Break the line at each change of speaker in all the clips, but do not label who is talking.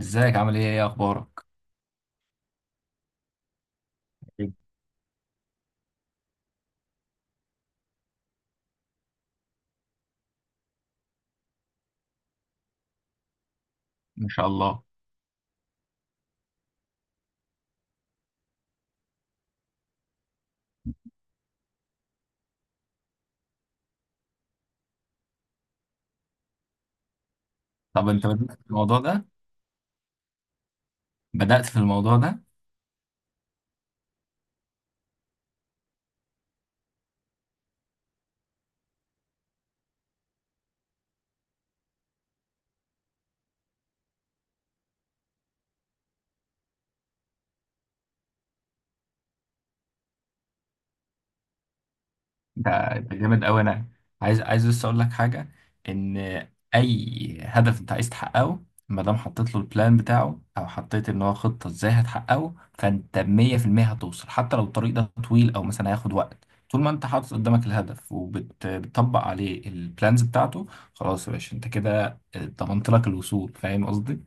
ازيك عامل ايه، ايه اخبارك؟ إيه. ان شاء الله. طب انت بدأت في الموضوع ده؟ بدأت في الموضوع ده؟ ده جامد قوي. انا عايز بس اقول لك حاجة. ان اي هدف انت عايز تحققه، ما دام حطيت له البلان بتاعه، او حطيت ان هو خطة ازاي هتحققه، فانت 100% هتوصل، حتى لو الطريق ده طويل او مثلا هياخد وقت، طول ما انت حاطط قدامك الهدف وبتطبق عليه البلانز بتاعته. خلاص يا باشا، انت كده ضمنت لك الوصول. فاهم قصدي؟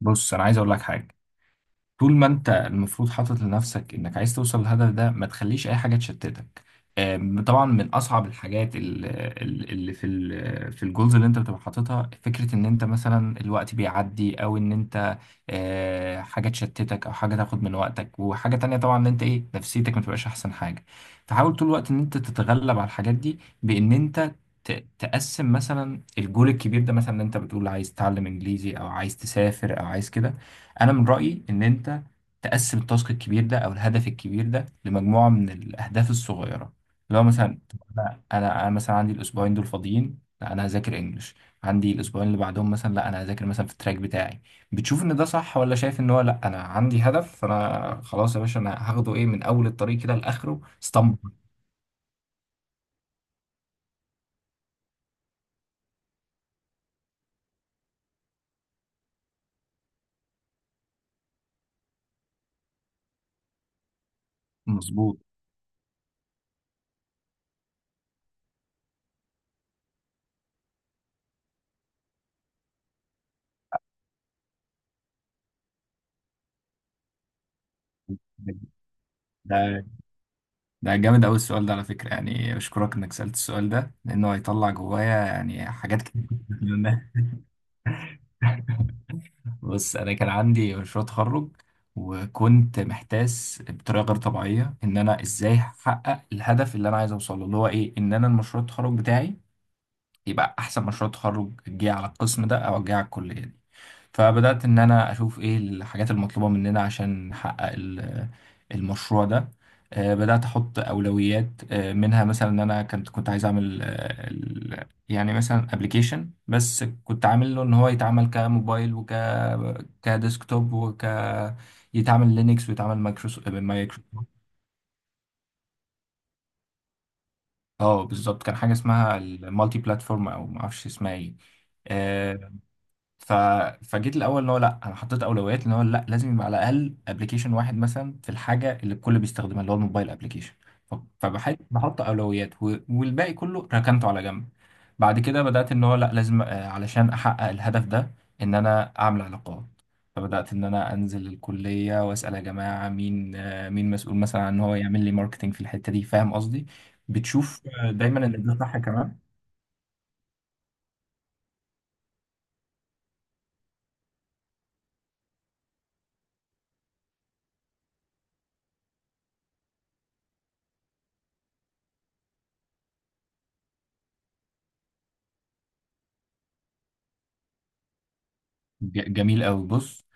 بص انا عايز اقول لك حاجة. طول ما انت المفروض حاطط لنفسك انك عايز توصل للهدف ده، ما تخليش اي حاجه تشتتك. طبعا من اصعب الحاجات في الجولز اللي انت بتبقى حاططها، فكره ان انت مثلا الوقت بيعدي، او ان انت حاجه تشتتك او حاجه تاخد من وقتك، وحاجه تانية طبعا ان انت ايه نفسيتك، ما تبقاش احسن حاجه. فحاول طول الوقت ان انت تتغلب على الحاجات دي بان انت تقسم مثلا الجول الكبير ده. مثلا ان انت بتقول عايز تتعلم انجليزي، او عايز تسافر، او عايز كده، انا من رايي ان انت تقسم التاسك الكبير ده او الهدف الكبير ده لمجموعه من الاهداف الصغيره. لو مثلا، طب انا انا أنا مثلا عندي الاسبوعين دول فاضيين، لا انا هذاكر انجلش. عندي الاسبوعين اللي بعدهم مثلا، لا انا هذاكر مثلا في التراك بتاعي. بتشوف ان ده صح، ولا شايف ان هو لا انا عندي هدف، فانا خلاص يا باشا انا هاخده ايه من اول الطريق كده لاخره اسطمبة. مظبوط. ده ده جامد قوي السؤال ده على فكره. يعني اشكرك انك سالت السؤال ده، لانه هيطلع جوايا يعني حاجات كتير. بص، انا كان عندي مشروع تخرج، وكنت محتاس بطريقه غير طبيعيه ان انا ازاي احقق الهدف اللي انا عايز اوصله، اللي هو ايه، ان انا المشروع التخرج بتاعي يبقى احسن مشروع تخرج جه على القسم ده او جه على الكليه دي. فبدأت إن أنا أشوف إيه الحاجات المطلوبة مننا عشان نحقق المشروع ده. بدأت أحط أولويات، منها مثلا إن أنا كنت عايز أعمل يعني مثلا أبليكيشن، بس كنت عامل له إن هو يتعمل كموبايل، وك كديسكتوب، وك يتعمل لينكس، ويتعمل مايكروسوفت، مايكرو. اه بالظبط، كان حاجة اسمها المالتي بلاتفورم أو معرفش اسمها إيه. آه، ف... فجيت الاول، اللي هو لا انا حطيت اولويات ان هو لا لازم يبقى على الاقل ابلكيشن واحد مثلا في الحاجه اللي الكل بيستخدمها، اللي هو الموبايل ابلكيشن. فبحط اولويات، والباقي كله ركنته على جنب. بعد كده بدات ان هو لا لازم، علشان احقق الهدف ده، ان انا اعمل علاقات. فبدات ان انا انزل الكليه واسال يا جماعه، مين مين مسؤول مثلا عن ان هو يعمل لي ماركتنج في الحته دي. فاهم قصدي؟ بتشوف دايما ان ده صح كمان. جميل قوي. بص،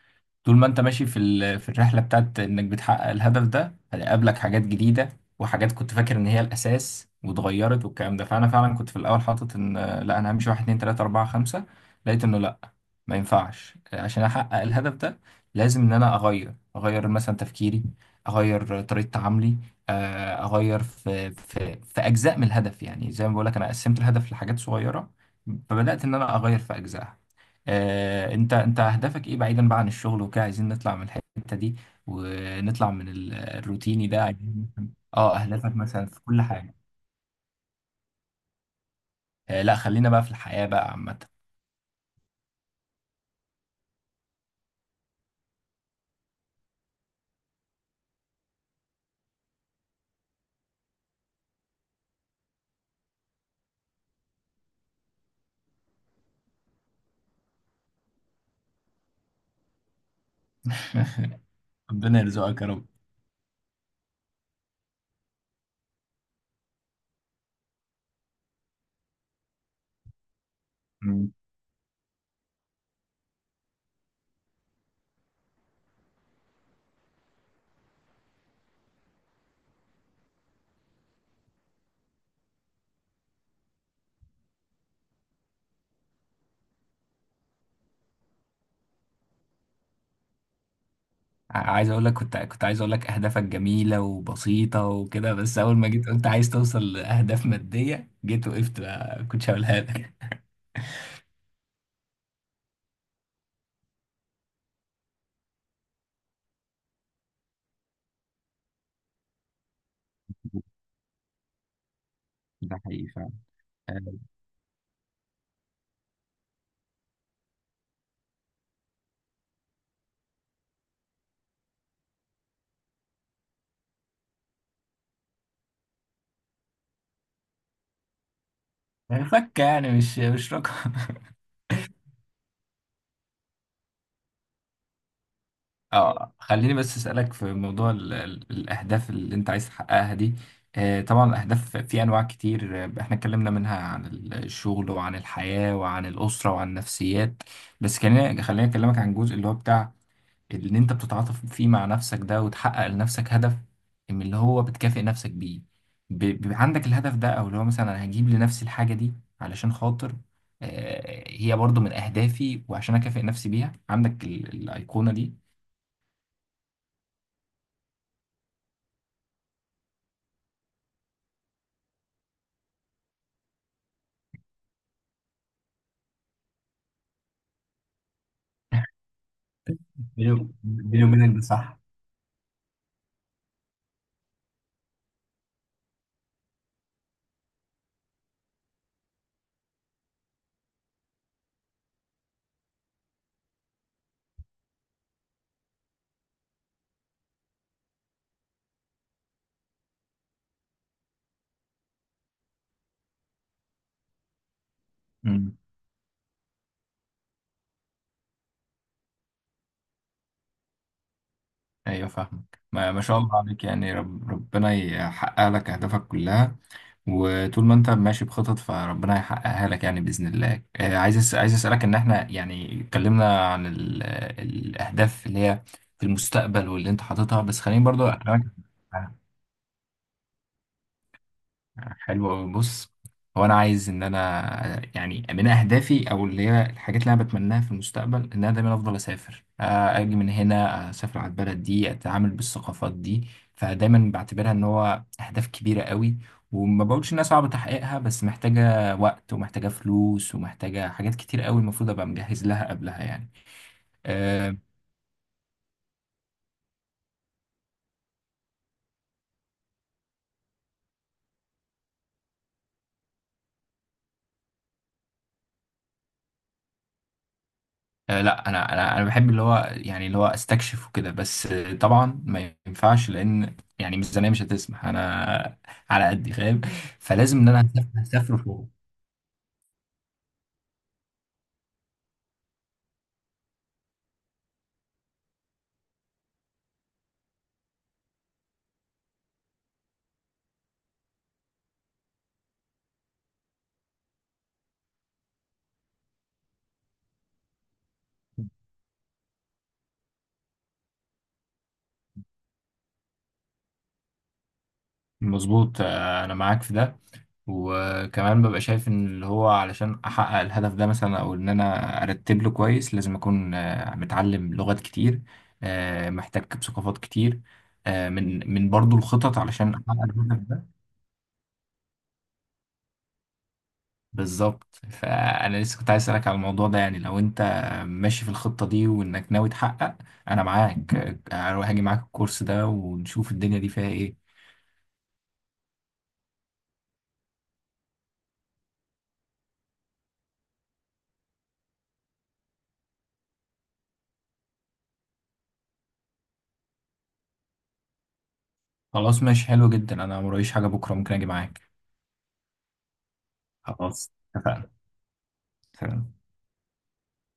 طول ما انت ماشي في الرحله بتاعت انك بتحقق الهدف ده، هيقابلك حاجات جديده، وحاجات كنت فاكر ان هي الاساس واتغيرت، والكلام ده. فانا فعلا كنت في الاول حاطط ان لا انا همشي واحد، اتنين، تلاته، اربعه، خمسه. لقيت انه لا، ما ينفعش. عشان احقق الهدف ده، لازم ان انا اغير اغير مثلا تفكيري، اغير طريقه تعاملي، اغير في اجزاء من الهدف. يعني زي ما بقول لك، انا قسمت الهدف لحاجات صغيره، فبدات ان انا اغير في اجزاء. انت اهدافك ايه بعيدا بقى عن الشغل وكده؟ عايزين نطلع من الحتة دي، ونطلع من الروتيني ده. عايزين مثلاً. اه، اهدافك مثلا في كل حاجة. آه لا، خلينا بقى في الحياة بقى عامة. ربنا يرزقك يا رب. مم. عايز اقول لك، كنت عايز اقول لك اهدافك جميلة وبسيطة وكده، بس اول ما جيت قلت عايز توصل لاهداف مادية جيت وقفت بقى، كنتش هقولها لك. ده حقيقي فعلا. فكة يعني، مش رقم. اه خليني بس اسالك في موضوع ال الاهداف اللي انت عايز تحققها دي. آه طبعا، الاهداف في انواع كتير. احنا اتكلمنا منها عن الشغل، وعن الحياه، وعن الاسره، وعن النفسيات. بس خليني اكلمك عن الجزء اللي هو بتاع اللي انت بتتعاطف فيه مع نفسك ده وتحقق لنفسك هدف. من اللي هو بتكافئ نفسك بيه، بيبقى عندك الهدف ده، او اللي هو مثلا انا هجيب لنفسي الحاجه دي علشان خاطر، هي برضو من اهدافي، وعشان اكافئ نفسي بيها، عندك الايقونه دي. بيني وبينك ده صح. امم. ايوه فاهمك. ما شاء الله عليك. يعني ربنا يحقق لك اهدافك كلها. وطول ما انت ماشي بخطط، فربنا هيحققها لك يعني باذن الله. عايز اسالك ان احنا يعني اتكلمنا عن الاهداف اللي هي في المستقبل واللي انت حاططها، بس خليني برضو اكلمك. حلو أوي. بص، هو أنا عايز إن أنا يعني من أهدافي، أو اللي هي الحاجات اللي أنا بتمناها في المستقبل، إن أنا دايما أفضل أسافر. أجي من هنا، أسافر على البلد دي، أتعامل بالثقافات دي. فدايما بعتبرها إن هو أهداف كبيرة قوي، وما بقولش إنها صعب تحقيقها، بس محتاجة وقت ومحتاجة فلوس ومحتاجة حاجات كتير قوي المفروض أبقى مجهز لها قبلها يعني. آه، لا انا بحب اللي هو يعني اللي هو استكشف وكده، بس طبعا ما ينفعش، لان يعني ميزانيه مش هتسمح. انا على قدي، فاهم. فلازم ان انا هسافر فوق. مظبوط. انا معاك في ده، وكمان ببقى شايف ان اللي هو علشان احقق الهدف ده مثلا، او ان انا ارتب له كويس، لازم اكون متعلم لغات كتير، محتاج بثقافات كتير، من برضو الخطط علشان احقق الهدف ده. بالظبط، فانا لسه كنت عايز اسالك على الموضوع ده. يعني لو انت ماشي في الخطه دي، وانك ناوي تحقق، انا معاك. هروح اجي معاك الكورس ده ونشوف الدنيا دي فيها ايه. خلاص ماشي، حلو جدا. انا مرايش حاجه بكره، ممكن اجي معاك. خلاص اتفقنا. سلام.